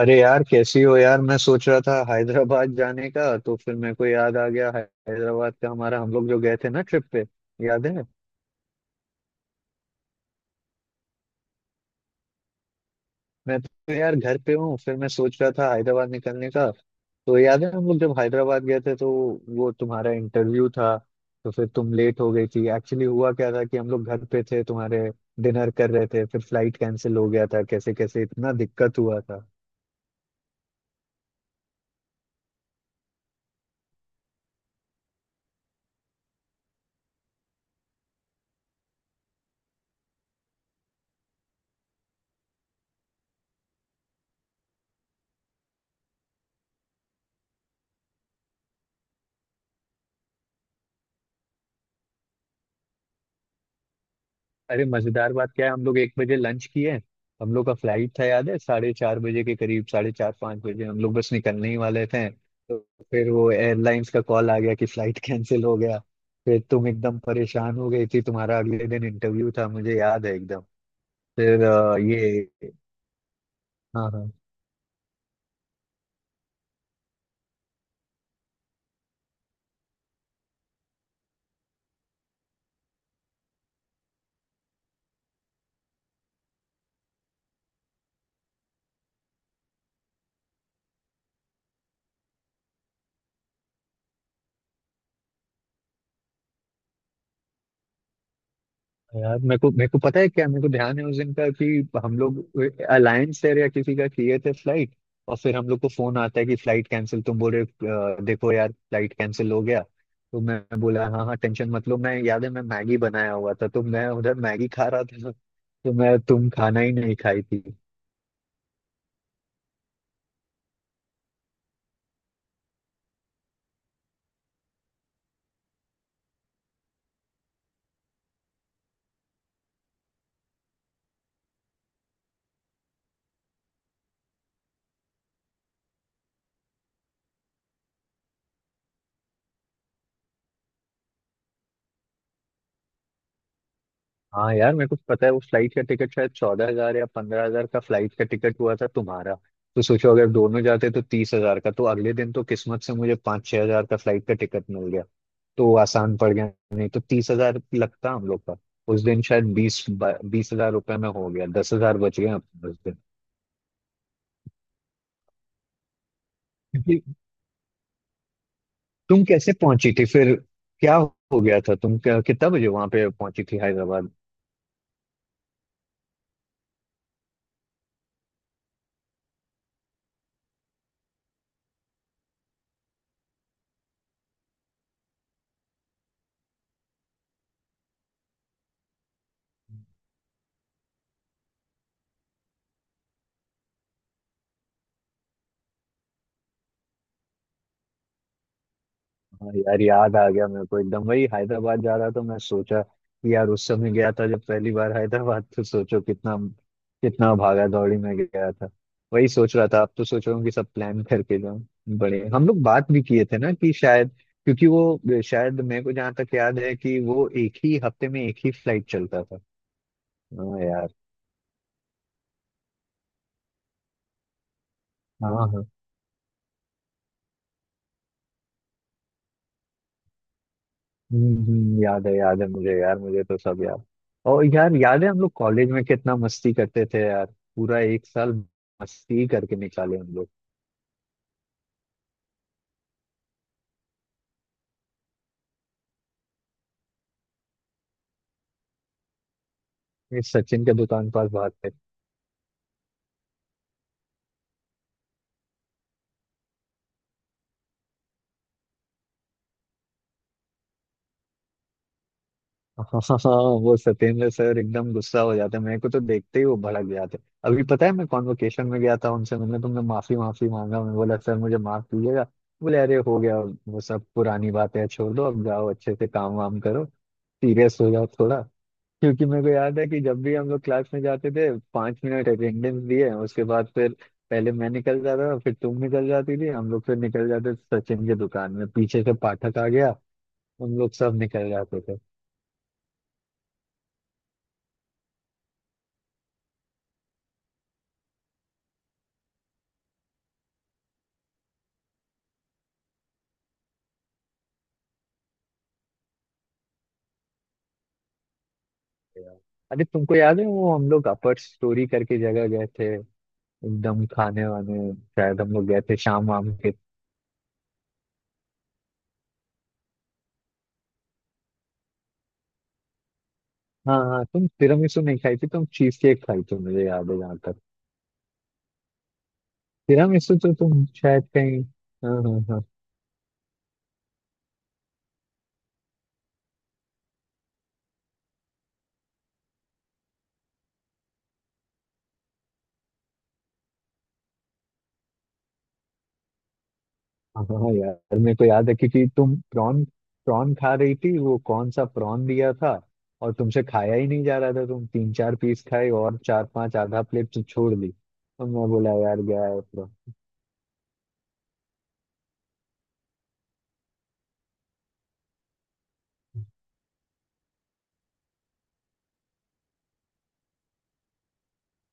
अरे यार, कैसी हो यार? मैं सोच रहा था हैदराबाद जाने का, तो फिर मेरे को याद आ गया हैदराबाद का, हमारा हम लोग जो गए थे ना ट्रिप पे। याद है? मैं तो यार घर पे हूँ। फिर मैं सोच रहा था हैदराबाद निकलने का। तो याद है हम लोग जब हैदराबाद गए थे, तो वो तुम्हारा इंटरव्यू था, तो फिर तुम लेट हो गई थी। एक्चुअली हुआ क्या था कि हम लोग घर पे थे तुम्हारे, डिनर कर रहे थे, फिर फ्लाइट कैंसिल हो गया था। कैसे कैसे इतना दिक्कत हुआ था। अरे मजेदार बात क्या है, हम लोग 1 बजे लंच किए, हम लोग का फ्लाइट था याद है 4:30 बजे के करीब, साढ़े चार पाँच बजे हम लोग बस निकलने ही वाले थे, तो फिर वो एयरलाइंस का कॉल आ गया कि फ्लाइट कैंसिल हो गया। फिर तुम एकदम परेशान हो गई थी, तुम्हारा अगले दिन इंटरव्यू था, मुझे याद है एकदम। फिर ये। हाँ हाँ। तो यार मेरे को पता है, क्या मेरे को ध्यान है उस दिन का कि हम लोग अलायंस एयर या किसी का किए थे फ्लाइट, और फिर हम लोग को फोन आता है कि फ्लाइट कैंसिल। तुम बोल रहे हो, देखो यार, फ्लाइट कैंसिल हो गया।" तो मैं बोला हाँ हाँ, टेंशन मत लो। मैं, याद है, मैं मैगी बनाया हुआ था तो मैं उधर मैगी खा रहा था। तो मैं, तुम खाना ही नहीं खाई थी। हाँ यार, मेरे को पता है उस फ्लाइट का टिकट शायद 14,000 या 15,000 का फ्लाइट का टिकट हुआ था तुम्हारा। तो सोचो अगर दोनों जाते तो 30,000 का। तो अगले दिन तो किस्मत से मुझे पाँच छह हजार का फ्लाइट का टिकट मिल गया, तो वो आसान पड़ गया, नहीं तो 30,000 लगता हम लोग का। उस दिन शायद ₹20,000-20,000 में हो गया, 10,000 बच गए अपने उस दिन। क्योंकि, तुम कैसे पहुंची थी फिर? क्या हो गया था? कितना बजे वहां पे पहुंची थी हैदराबाद? हाँ यार याद आ गया मेरे को एकदम। वही हैदराबाद जा रहा था, मैं सोचा कि यार उस समय गया था जब पहली बार हैदराबाद, तो सोचो कितना, कितना भागा दौड़ी में गया था। वही सोच रहा था। अब तो सोच रहा हूँ कि सब प्लान करके जाऊँ। बड़े हम लोग बात भी किए थे ना, कि शायद, क्योंकि वो शायद, मेरे को जहाँ तक याद है कि वो एक ही हफ्ते में एक ही फ्लाइट चलता था। हाँ यार। हाँ हाँ। याद है मुझे यार, मुझे तो सब याद। और यार याद है हम लोग कॉलेज में कितना मस्ती करते थे यार। पूरा 1 साल मस्ती करके निकाले हम लोग। ये सचिन के दुकान पास भागते। हाँ हाँ हाँ, वो सत्येंद्र सर एकदम गुस्सा हो जाते, मेरे को तो देखते ही वो भड़क जाते। अभी पता है मैं कॉन्वोकेशन में गया था उनसे, मैंने, तुमने, माफी माफी मांगा। मैं बोला सर मुझे माफ कीजिएगा। बोले अरे हो गया वो सब, पुरानी बातें हैं, छोड़ दो, अब जाओ अच्छे से काम वाम करो, सीरियस हो जाओ थोड़ा। क्योंकि मेरे को याद है कि जब भी हम लोग क्लास में जाते थे, 5 मिनट अटेंडेंस दिए, उसके बाद फिर पहले मैं निकल जाता था, फिर तुम निकल जाती थी, हम लोग फिर निकल जाते थे सचिन की दुकान में, पीछे से पाठक आ गया, हम लोग सब निकल जाते थे। अरे तुमको याद है वो, हम लोग अपर स्टोरी करके जगह गए थे, एकदम खाने वाने, शायद हम लोग गए थे शाम वाम के। हाँ हाँ, तुम तिरामिसू नहीं खाई थी, तुम चीज केक खाई थी मुझे याद है जहाँ तक। तिरामिसू तो तुम शायद कहीं। हाँ हाँ हाँ। हाँ यार मेरे को याद है क्योंकि तुम प्रॉन, प्रॉन खा रही थी। वो कौन सा प्रॉन दिया था, और तुमसे खाया ही नहीं जा रहा था, तुम 3-4 पीस खाए, और चार पांच, आधा प्लेट तो छोड़ दी। और मैं बोला यार, गया है प्रॉन।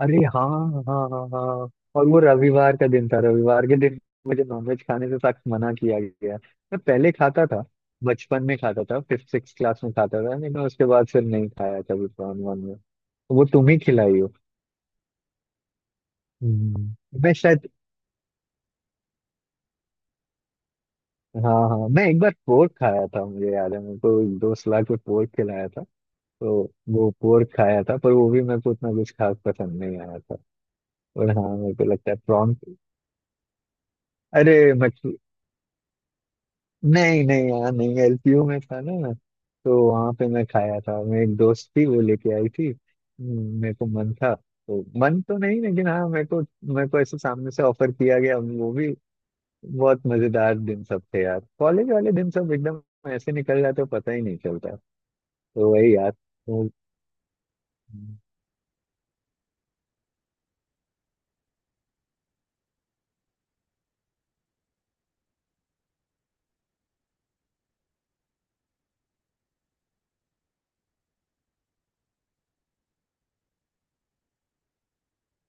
अरे हाँ, हाँ हाँ हाँ। और वो रविवार का दिन था, रविवार के दिन मुझे नॉनवेज खाने से सख्त मना किया गया। मैं पहले खाता था, बचपन में खाता था, फिफ्थ सिक्स क्लास में खाता था, लेकिन उसके बाद फिर नहीं खाया कभी प्रॉन वॉन में। वो तुम ही खिलाई हो। हम्म, मैं शायद हाँ हाँ, मैं एक बार पोर्क खाया था। मुझे याद है मेरे को एक दोस्त ला के पोर्क खिलाया था, तो वो पोर्क खाया था, पर वो भी मेरे को उतना कुछ खास पसंद नहीं आया था। और हाँ मेरे को लगता है प्रॉन, अरे मछली, नहीं नहीं यार, नहीं, एलपीयू में था ना मैं, तो वहाँ पे मैं खाया था। मेरी एक दोस्त थी, वो लेके आई थी। मेरे को मन था, तो मन तो नहीं, लेकिन हाँ मेरे को, मेरे को ऐसे सामने से ऑफर किया गया वो भी। बहुत मजेदार दिन सब थे यार, कॉलेज वाले दिन सब एकदम ऐसे निकल जाते, पता ही नहीं चलता। तो वही यार तो-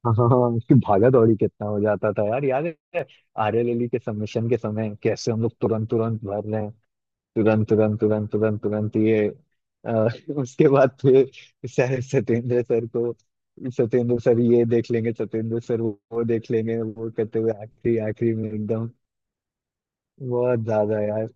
हाँ, उसकी भागा दौड़ी कितना हो जाता था यार, याद है। आरएलएलई के सबमिशन के समय कैसे हम लोग तुरंत तुरंत भर रहे हैं, तुरंत तुरंत तुरंत तुरंत तुरंत ये अ, उसके बाद फिर सर सत्येंद्र सर को सत्येंद्र सर ये देख लेंगे, सत्येंद्र सर वो देख लेंगे, वो करते हुए आखिरी आखिरी में एकदम बहुत ज्यादा यार।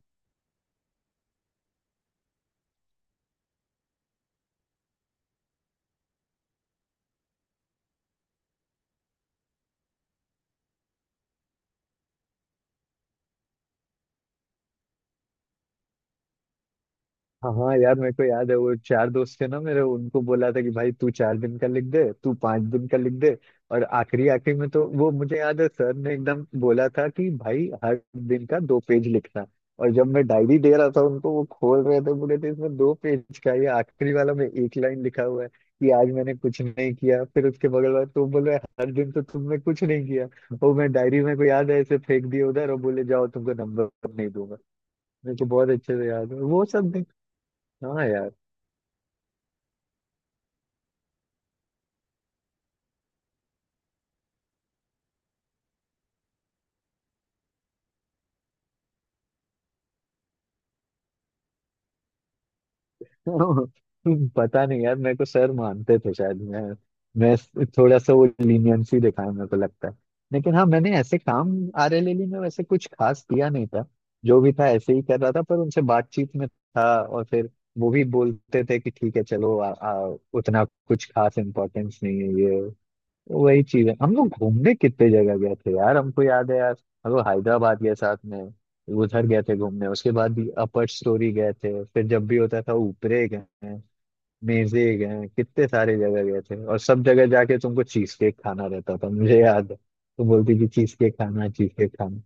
हाँ हाँ यार मेरे को याद है, वो चार दोस्त थे ना मेरे, उनको बोला था कि भाई तू 4 दिन का लिख दे, तू 5 दिन का लिख दे। और आखिरी आखिरी में तो वो मुझे याद है, सर ने एकदम बोला था कि भाई हर दिन का 2 पेज लिखना। और जब मैं डायरी दे रहा था उनको, वो खोल रहे थे, बोले थे इसमें 2 पेज का ये आखिरी वाला में 1 लाइन लिखा हुआ है कि आज मैंने कुछ नहीं किया, फिर उसके बगल वाला, तुम बोल रहे हर दिन, तो तुमने कुछ नहीं किया। वो मैं डायरी में को याद है ऐसे फेंक दिया उधर, और बोले जाओ तुमको नंबर नहीं दूंगा। मेरे को बहुत अच्छे से याद है वो सब। हाँ यार। पता नहीं यार, मेरे को सर मानते थे शायद, मैं थोड़ा सा, वो लीनियंसी दिखाया मेरे को लगता है। लेकिन हाँ मैंने ऐसे काम आरएलएलई में वैसे कुछ खास किया नहीं था, जो भी था ऐसे ही कर रहा था, पर उनसे बातचीत में था, और फिर वो भी बोलते थे कि ठीक है चलो आ, आ, उतना कुछ खास इम्पोर्टेंस नहीं है ये। वही चीज है हम लोग घूमने कितने जगह गए थे यार, हमको याद है यार। हम लोग हैदराबाद गए साथ में, उधर गए थे घूमने, उसके बाद भी अपर स्टोरी गए थे, फिर जब भी होता था ऊपरे गए हैं, मेजे गए हैं, कितने सारे जगह गए थे, और सब जगह जाके तुमको चीज केक खाना रहता था मुझे याद है। तुम बोलती थी चीज केक खाना, चीज केक खाना।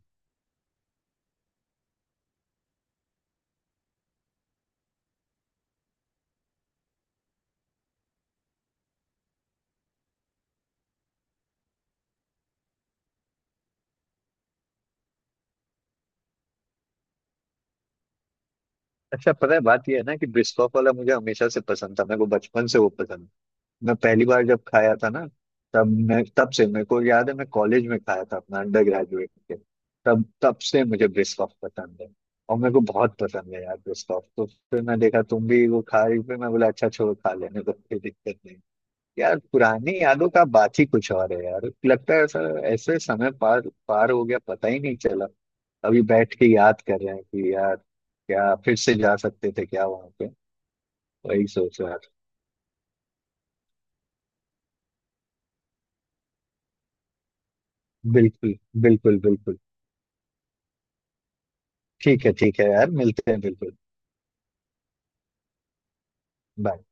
अच्छा पता है बात ये है ना, कि ब्रिस्कोफ वाला मुझे हमेशा से पसंद था, मेरे को बचपन से वो पसंद था। मैं पहली बार जब खाया था ना, तब से मेरे को याद है, मैं कॉलेज में खाया था अपना अंडर ग्रेजुएट के, तब तब से मुझे ब्रिस्कॉफ पसंद है। और मेरे को बहुत पसंद है यार ब्रिस्कॉफ, तो फिर मैं देखा तुम भी वो खा रही, फिर मैं बोला अच्छा छोड़ो, खा लेने तो कोई दिक्कत नहीं। यार पुरानी यादों का बात ही कुछ और है यार, लगता है ऐसा ऐसे समय पार पार हो गया, पता ही नहीं चला। अभी बैठ के याद कर रहे हैं कि यार क्या फिर से जा सकते थे क्या वहां पे। वही सोच रहा था। बिल्कुल। बिल्कुल बिल्कुल। ठीक है यार, मिलते हैं बिल्कुल। बाय।